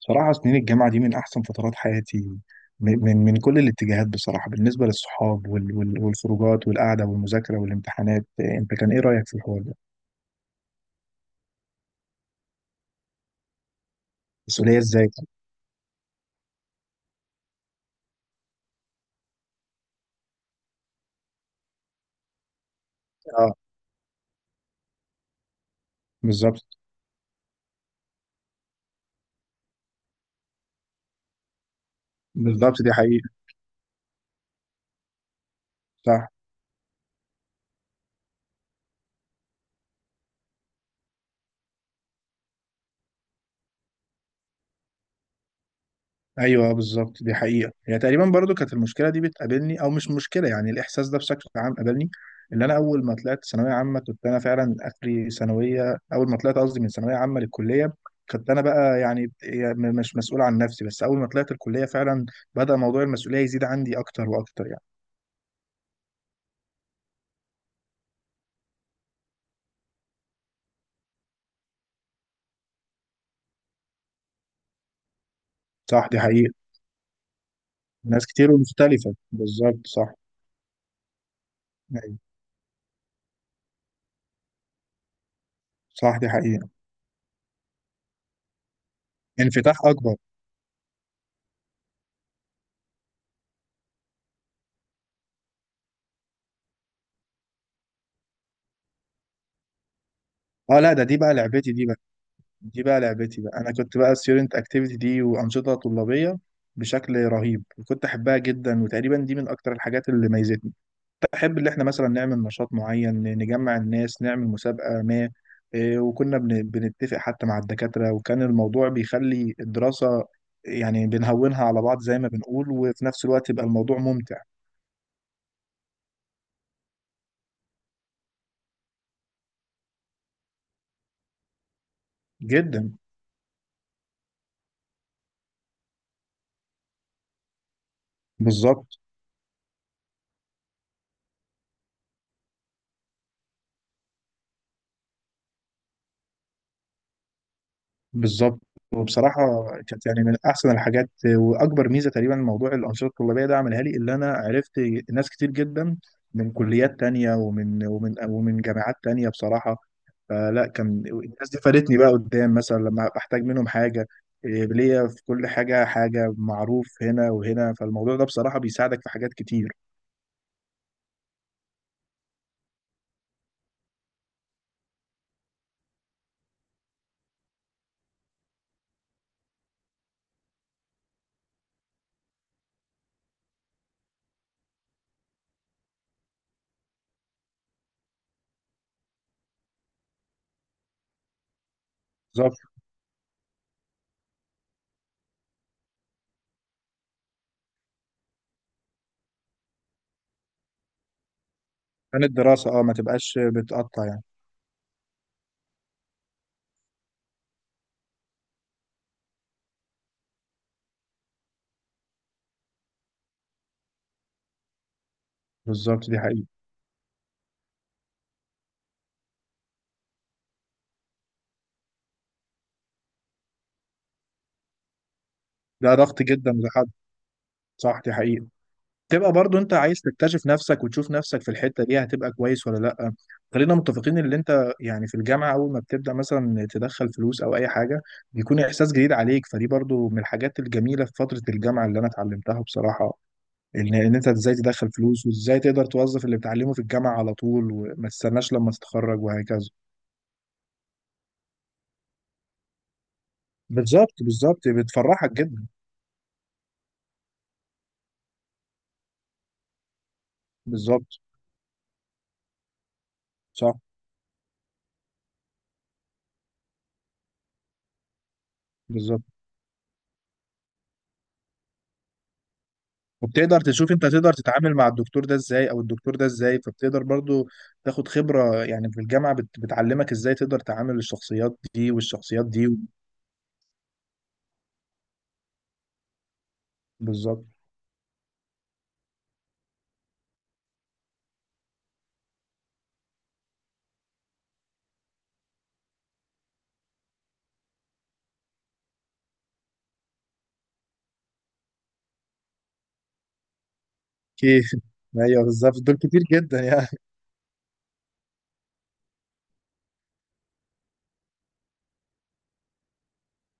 صراحة سنين الجامعة دي من أحسن فترات حياتي من كل الاتجاهات، بصراحة بالنسبة للصحاب وال وال والخروجات والقعدة والمذاكرة والامتحانات. أنت كان إيه رأيك في الحوار ده؟ مسؤولية إزاي؟ آه. بالظبط، بالظبط دي حقيقة. صح. ايوه، آه، بالظبط دي حقيقه. هي تقريبا برضو كانت المشكله دي بتقابلني، او مش مشكله، يعني الاحساس ده بشكل عام قابلني اللي انا اول ما طلعت ثانويه عامه، كنت انا فعلا اخري ثانويه اول ما طلعت، قصدي من ثانويه عامه للكليه، كنت انا بقى يعني مش مسؤول عن نفسي. بس اول ما طلعت الكليه فعلا بدا موضوع المسؤوليه يزيد عندي اكتر واكتر يعني. صح دي حقيقه. ناس كتير ومختلفه، بالظبط صح. أيوة. صح دي حقيقه. انفتاح اكبر. اه لا ده دي بقى لعبتي دي. دي بقى لعبتي بقى، انا كنت بقى ستودنت اكتيفيتي دي وانشطه طلابيه بشكل رهيب، وكنت احبها جدا، وتقريبا دي من اكتر الحاجات اللي ميزتني. بحب اللي احنا مثلا نعمل نشاط معين، نجمع الناس، نعمل مسابقه ما. إيه، وكنا بنتفق حتى مع الدكاتره، وكان الموضوع بيخلي الدراسه يعني بنهونها على بعض زي ما بنقول، وفي نفس الوقت يبقى الموضوع ممتع جدا. بالظبط، بالظبط. وبصراحة كانت يعني من أحسن الحاجات. وأكبر ميزة تقريبا موضوع الأنشطة الطلابية ده عملها لي، اللي أنا عرفت ناس كتير جدا من كليات تانية ومن جامعات تانية بصراحة. فلا كان الناس دي فادتني بقى قدام مثلا لما بحتاج منهم حاجة. إيه، ليا في كل حاجة حاجة، معروف هنا وهنا، فالموضوع ده بصراحة بيساعدك في حاجات كتير. بالظبط. كان الدراسة اه ما تبقاش بتقطع يعني. بالظبط دي حقيقة. ده ضغط جدا لحد. صح دي حقيقة. تبقى برضو انت عايز تكتشف نفسك وتشوف نفسك في الحتة دي هتبقى كويس ولا لا. خلينا متفقين ان انت يعني في الجامعة اول ما بتبدأ مثلا تدخل فلوس او اي حاجة، بيكون احساس جديد عليك، فدي برضو من الحاجات الجميلة في فترة الجامعة اللي انا اتعلمتها بصراحة، ان انت ازاي تدخل فلوس، وازاي تقدر توظف اللي بتعلمه في الجامعة على طول، وما تستناش لما تتخرج وهكذا. بالظبط، بالظبط بتفرحك جدا. بالظبط. صح. بالظبط. وبتقدر تشوف انت تقدر تتعامل مع الدكتور ده ازاي او الدكتور ده ازاي، فبتقدر برضو تاخد خبرة. يعني في الجامعة بتعلمك ازاي تقدر تعامل الشخصيات دي والشخصيات دي. بالظبط. كيف ايوه بالظبط، دول كتير جدا يعني.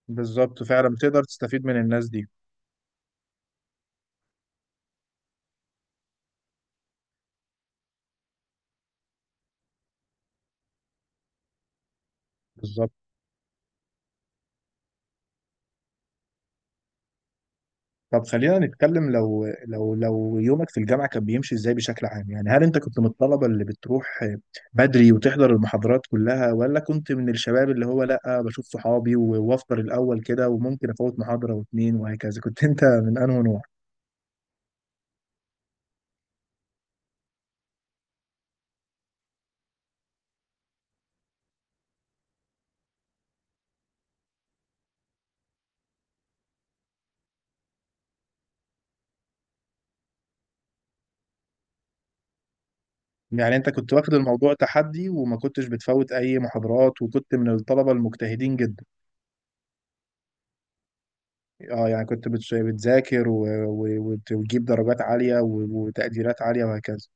بالظبط فعلا بتقدر تستفيد من الناس دي. بالظبط. طب خلينا نتكلم، لو يومك في الجامعة كان بيمشي ازاي بشكل عام؟ يعني هل انت كنت من الطلبة اللي بتروح بدري وتحضر المحاضرات كلها، ولا كنت من الشباب اللي هو لا بشوف صحابي و- وافطر الأول كده وممكن افوت محاضرة واتنين وهكذا؟ كنت انت من انهي نوع؟ يعني انت كنت واخد الموضوع تحدي وما كنتش بتفوت اي محاضرات، وكنت من الطلبة المجتهدين جدا. اه، يعني كنت بتذاكر و وتجيب درجات عالية و وتقديرات عالية وهكذا.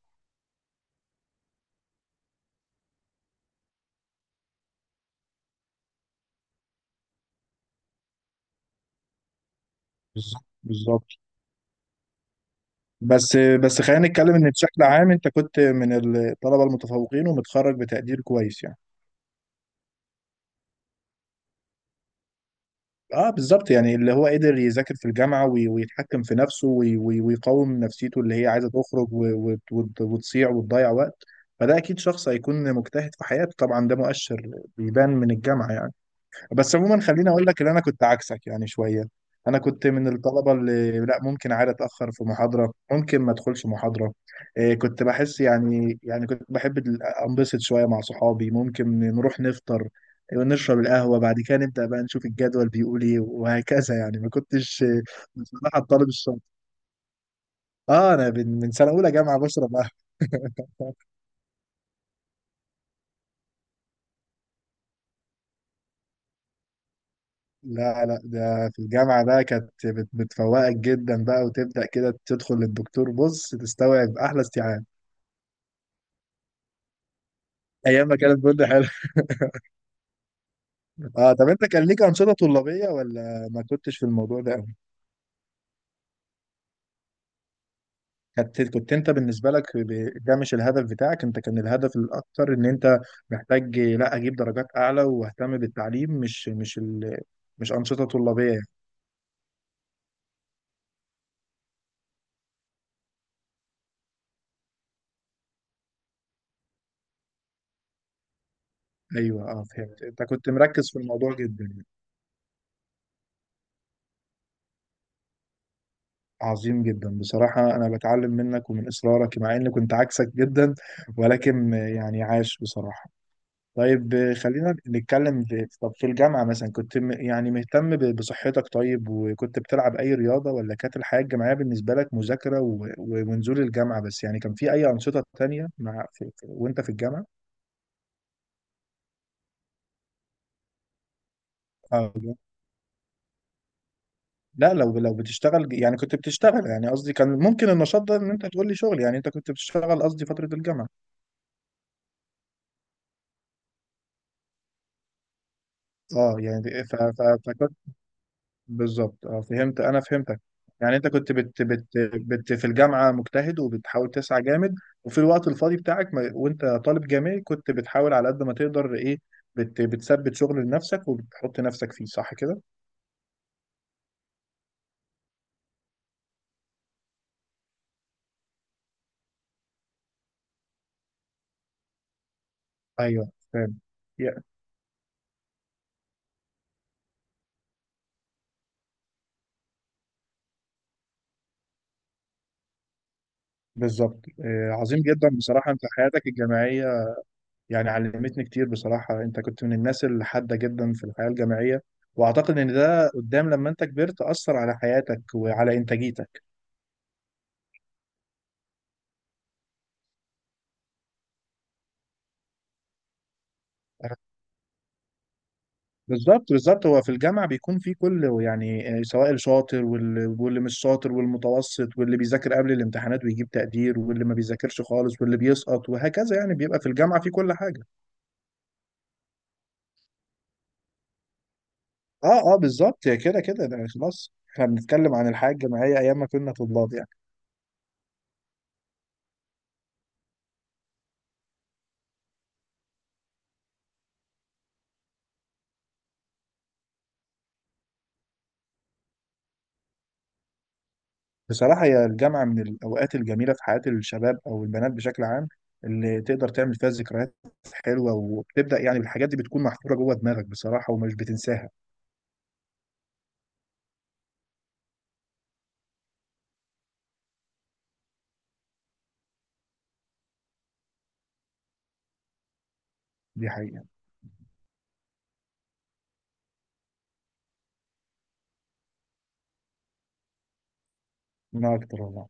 بالظبط، بالظبط. بس خلينا نتكلم ان بشكل عام انت كنت من الطلبه المتفوقين ومتخرج بتقدير كويس يعني. اه بالظبط، يعني اللي هو قدر يذاكر في الجامعه ويتحكم في نفسه وي- وي- ويقاوم نفسيته اللي هي عايزه تخرج و وتصيع وتضيع وقت، فده اكيد شخص هيكون مجتهد في حياته. طبعا ده مؤشر بيبان من الجامعه يعني. بس عموما خليني اقول لك ان انا كنت عكسك يعني شويه. انا كنت من الطلبه اللي لا، ممكن عادي اتاخر في محاضره، ممكن ما ادخلش محاضره. إيه كنت بحس يعني، يعني كنت بحب انبسط شويه مع صحابي، ممكن نروح نفطر، إيه، نشرب القهوه، بعد كده نبدا بقى نشوف الجدول بيقول ايه وهكذا يعني. ما كنتش بصراحه الطالب الشاطر. اه انا من سنه اولى جامعه بشرب قهوه لا لا، ده في الجامعة بقى كانت بتفوقك جدا بقى، وتبدأ كده تدخل للدكتور بص تستوعب أحلى استيعاب. أيام ما كانت برضه حلوة. اه، طب أنت كان ليك أنشطة طلابية ولا ما كنتش في الموضوع ده أوي؟ كنت، كنت أنت بالنسبة لك ده مش الهدف بتاعك. أنت كان الهدف الأكتر إن أنت محتاج لا أجيب درجات أعلى وأهتم بالتعليم، مش مش أنشطة طلابية يعني. أيوه اه فهمت، أنت كنت مركز في الموضوع جدا. عظيم جدا بصراحة، أنا بتعلم منك ومن إصرارك مع إني كنت عكسك جدا، ولكن يعني عاش بصراحة. طيب خلينا نتكلم في، طب في الجامعة مثلا كنت يعني مهتم بصحتك؟ طيب وكنت بتلعب أي رياضة، ولا كانت الحياة الجامعية بالنسبة لك مذاكرة و ونزول الجامعة بس؟ يعني كان في أي أنشطة تانية مع وأنت في الجامعة؟ آه، لا، لو بتشتغل يعني كنت بتشتغل، يعني قصدي كان ممكن النشاط ده إن أنت تقول لي شغل، يعني أنت كنت بتشتغل قصدي فترة الجامعة. اه يعني فكنت، بالظبط اه فهمت، انا فهمتك. يعني انت كنت بت في الجامعه مجتهد وبتحاول تسعى جامد، وفي الوقت الفاضي بتاعك ما وانت طالب جامعي كنت بتحاول على قد ما تقدر ايه بتثبت شغل لنفسك وبتحط نفسك فيه، صح كده؟ ايوه فاهم. يا- بالظبط آه، عظيم جدا بصراحه. انت حياتك الجامعيه يعني علمتني كتير بصراحه، انت كنت من الناس الحاده جدا في الحياه الجامعيه، واعتقد ان ده قدام لما انت كبرت اثر على حياتك وعلى انتاجيتك. بالظبط، بالظبط. هو في الجامعة بيكون في كل يعني آه، سواء الشاطر، واللي, واللي مش شاطر، والمتوسط، واللي بيذاكر قبل الامتحانات ويجيب تقدير، واللي ما بيذاكرش خالص، واللي بيسقط وهكذا، يعني بيبقى في الجامعة في كل حاجة. اه بالظبط، كده كده ده خلاص. احنا بنتكلم عن الحياة الجامعية ايام ما كنا طلاب يعني. بصراحة هي الجامعة من الاوقات الجميلة في حياة الشباب او البنات بشكل عام، اللي تقدر تعمل فيها ذكريات حلوة، وبتبدأ يعني بالحاجات دي بتكون محفورة جوه دماغك بصراحة ومش بتنساها. دي حقيقة. من أكتر والله.